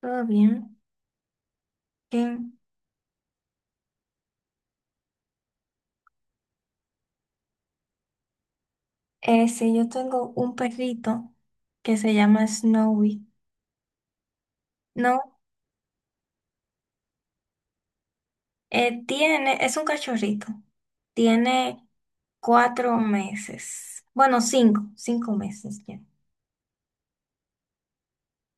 Todo bien. Que, sí, yo tengo un perrito que se llama Snowy. No, es un cachorrito. Tiene 4 meses. Bueno, cinco meses ya.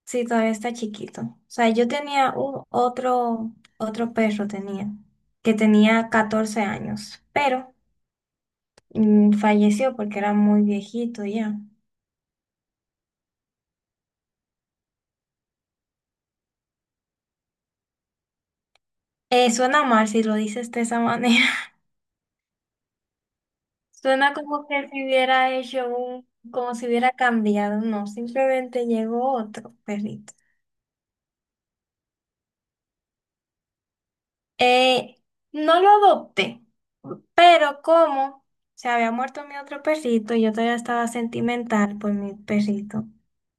Sí, todavía está chiquito. O sea, yo tenía otro perro tenía, que tenía 14 años, pero falleció porque era muy viejito ya. Suena mal si lo dices de esa manera. Suena como que si hubiera hecho como si hubiera cambiado, no, simplemente llegó otro perrito. Eh, no lo adopté, pero como se había muerto mi otro perrito y yo todavía estaba sentimental por mi perrito,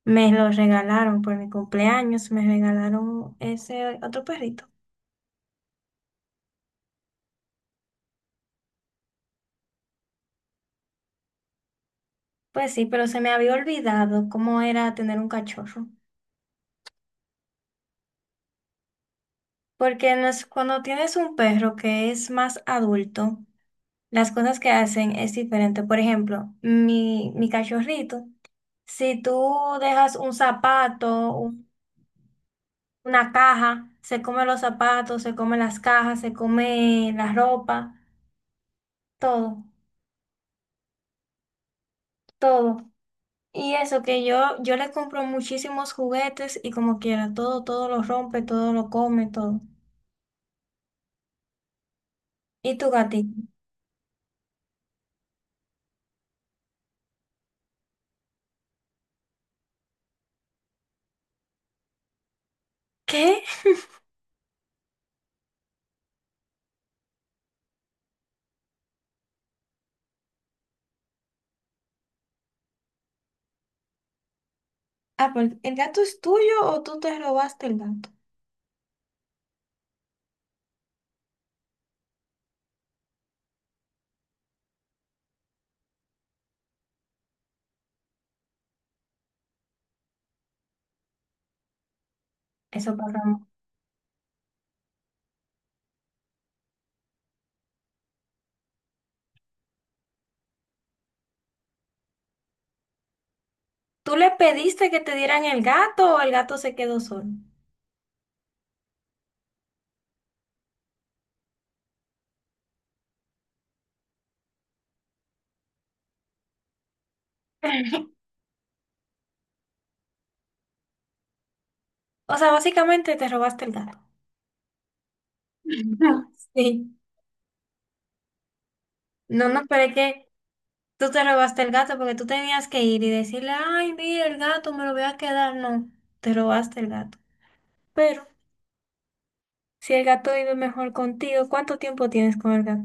me lo regalaron por mi cumpleaños, me regalaron ese otro perrito. Pues sí, pero se me había olvidado cómo era tener un cachorro. Porque no es- cuando tienes un perro que es más adulto, las cosas que hacen es diferente. Por ejemplo, mi cachorrito, si tú dejas un zapato, una caja, se come los zapatos, se come las cajas, se come la ropa, todo, todo. Y eso que yo le compro muchísimos juguetes y como quiera, todo, todo lo rompe, todo lo come, todo. ¿Y tu gatito? ¿Qué? Ah, pues, ¿el gato es tuyo o tú te robaste el gato? Eso pasa. ¿Tú le pediste que te dieran el gato o el gato se quedó solo? O sea, básicamente te robaste el gato. Sí. No, no, pero es que tú te robaste el gato porque tú tenías que ir y decirle, ay, mira, el gato me lo voy a quedar. No, te robaste el gato. Pero si el gato vive mejor contigo, ¿cuánto tiempo tienes con el gato?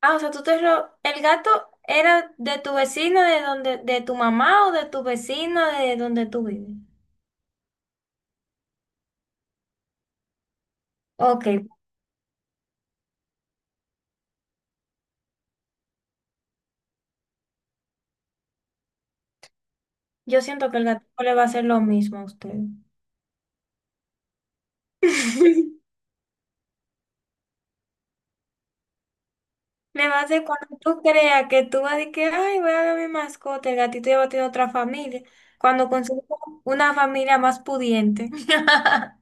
Ah, o sea, el gato era de tu vecino, de donde, de tu mamá o de tu vecino, de donde tú vives. Ok, yo siento que el gato no le va a hacer lo mismo a usted. Nada más de cuando tú creas que tú vas de que, ay, voy a ver a mi mascota, el gatito ya va a tener otra familia, cuando consigues una familia más pudiente.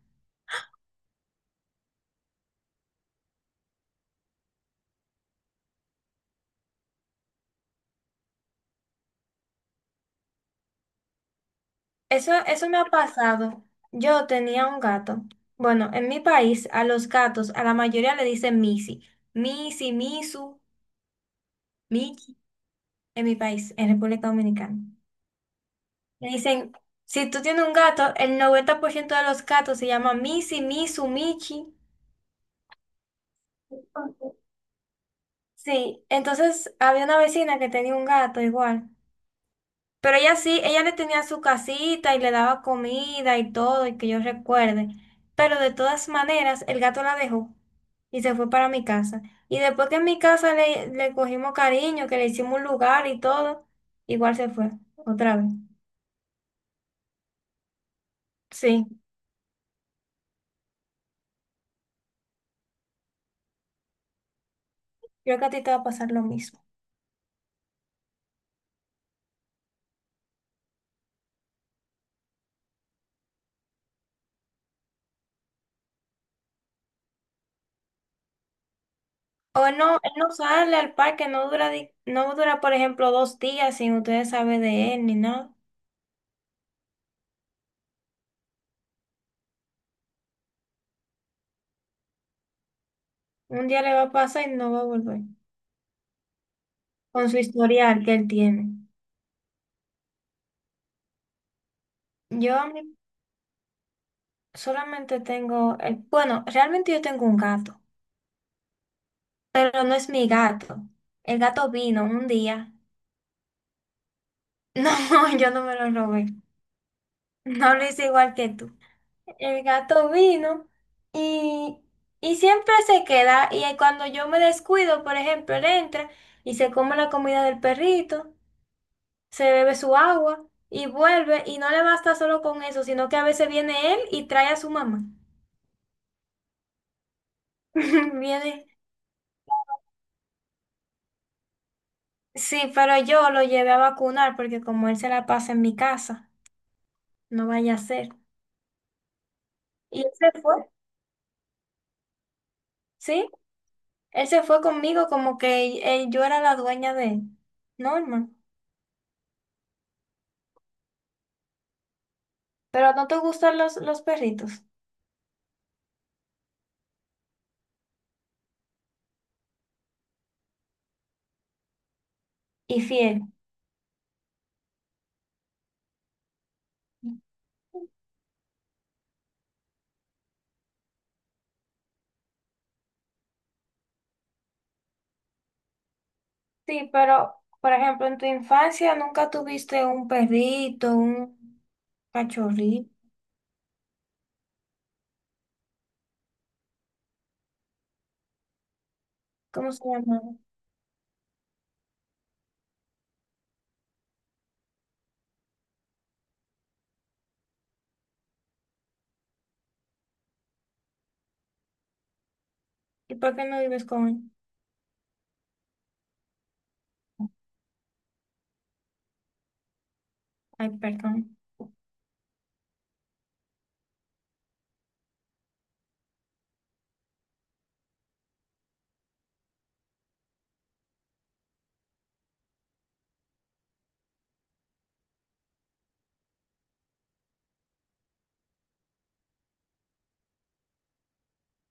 Eso me ha pasado. Yo tenía un gato. Bueno, en mi país, a los gatos, a la mayoría le dicen Missy. Missy, Misu, Michi, en mi país, en República Dominicana. Le dicen, si tú tienes un gato, el 90% de los gatos se llaman Missy, Misu, Michi. Sí, entonces había una vecina que tenía un gato igual, pero ella sí, ella le tenía su casita y le daba comida y todo, y que yo recuerde, pero de todas maneras el gato la dejó y se fue para mi casa. Y después que en mi casa le cogimos cariño, que le hicimos un lugar y todo, igual se fue, otra vez. Sí, creo que a ti te va a pasar lo mismo. O él no sale al parque, no dura, no dura, por ejemplo, 2 días sin ustedes saber de él ni nada. Un día le va a pasar y no va a volver. Con su historial que él tiene. Yo a mí solamente tengo, bueno, realmente yo tengo un gato, pero no es mi gato. El gato vino un día. No, yo no me lo robé. No lo hice igual que tú. El gato vino y, y siempre se queda y ahí cuando yo me descuido, por ejemplo, él entra y se come la comida del perrito, se bebe su agua y vuelve y no le basta solo con eso, sino que a veces viene él y trae a su mamá. Viene. Sí, pero yo lo llevé a vacunar porque como él se la pasa en mi casa, no vaya a ser. Y él se fue, ¿sí? Él se fue conmigo como que yo era la dueña de él. Norman. Pero no te gustan los perritos. Y fiel. Sí, pero, por ejemplo, en tu infancia nunca tuviste un perrito, un cachorrito. ¿Cómo se llamaba? ¿Y por qué no vives con él? Ay, perdón.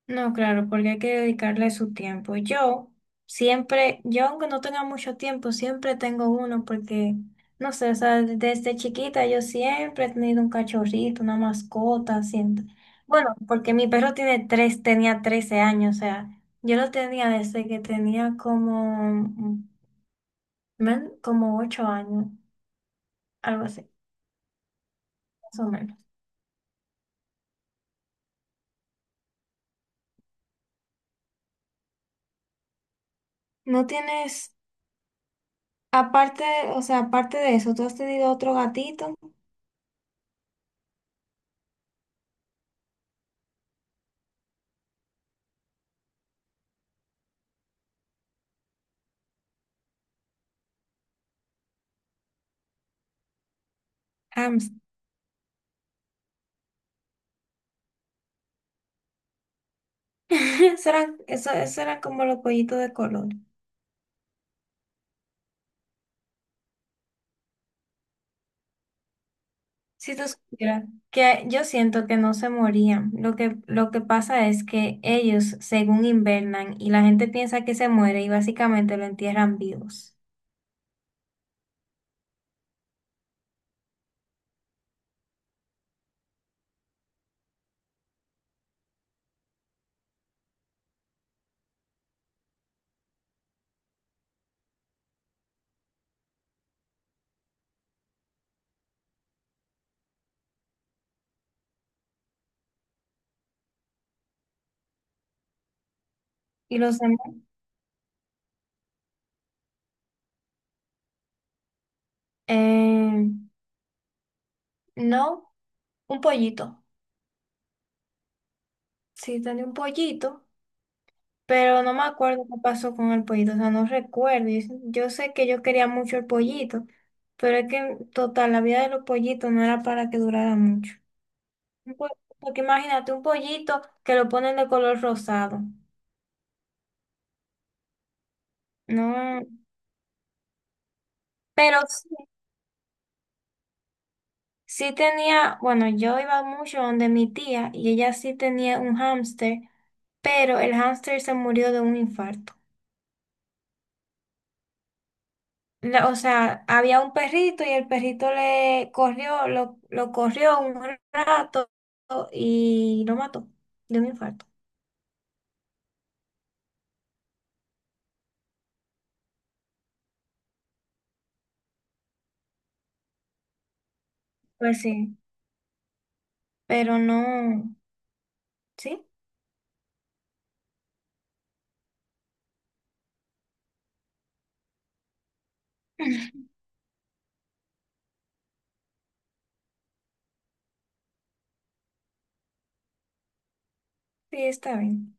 No, claro, porque hay que dedicarle su tiempo. Yo siempre, yo aunque no tenga mucho tiempo, siempre tengo uno porque, no sé, o sea, desde chiquita yo siempre he tenido un cachorrito, una mascota, siempre. Bueno, porque mi perro tiene tres, tenía 13 años, o sea, yo lo tenía desde que tenía como, como 8 años, algo así, más o menos. ¿No tienes, aparte, o sea, aparte de eso, tú has tenido otro gatito? Ah, eso era, eso era como los pollitos de color. Si tú supieras que yo siento que no se morían. Lo que pasa es que ellos, según invernan, y la gente piensa que se muere y básicamente lo entierran vivos. ¿Y los demás? Eh, no, un pollito. Sí, tenía un pollito, pero no me acuerdo qué pasó con el pollito. O sea, no recuerdo. Yo sé que yo quería mucho el pollito, pero es que, total, la vida de los pollitos no era para que durara mucho. Pues, porque imagínate un pollito que lo ponen de color rosado. No, pero sí, sí tenía, bueno, yo iba mucho donde mi tía y ella sí tenía un hámster, pero el hámster se murió de un infarto. O sea, había un perrito y el perrito le corrió, lo corrió un rato y lo mató de un infarto. Pues sí, pero no, sí, sí, está bien.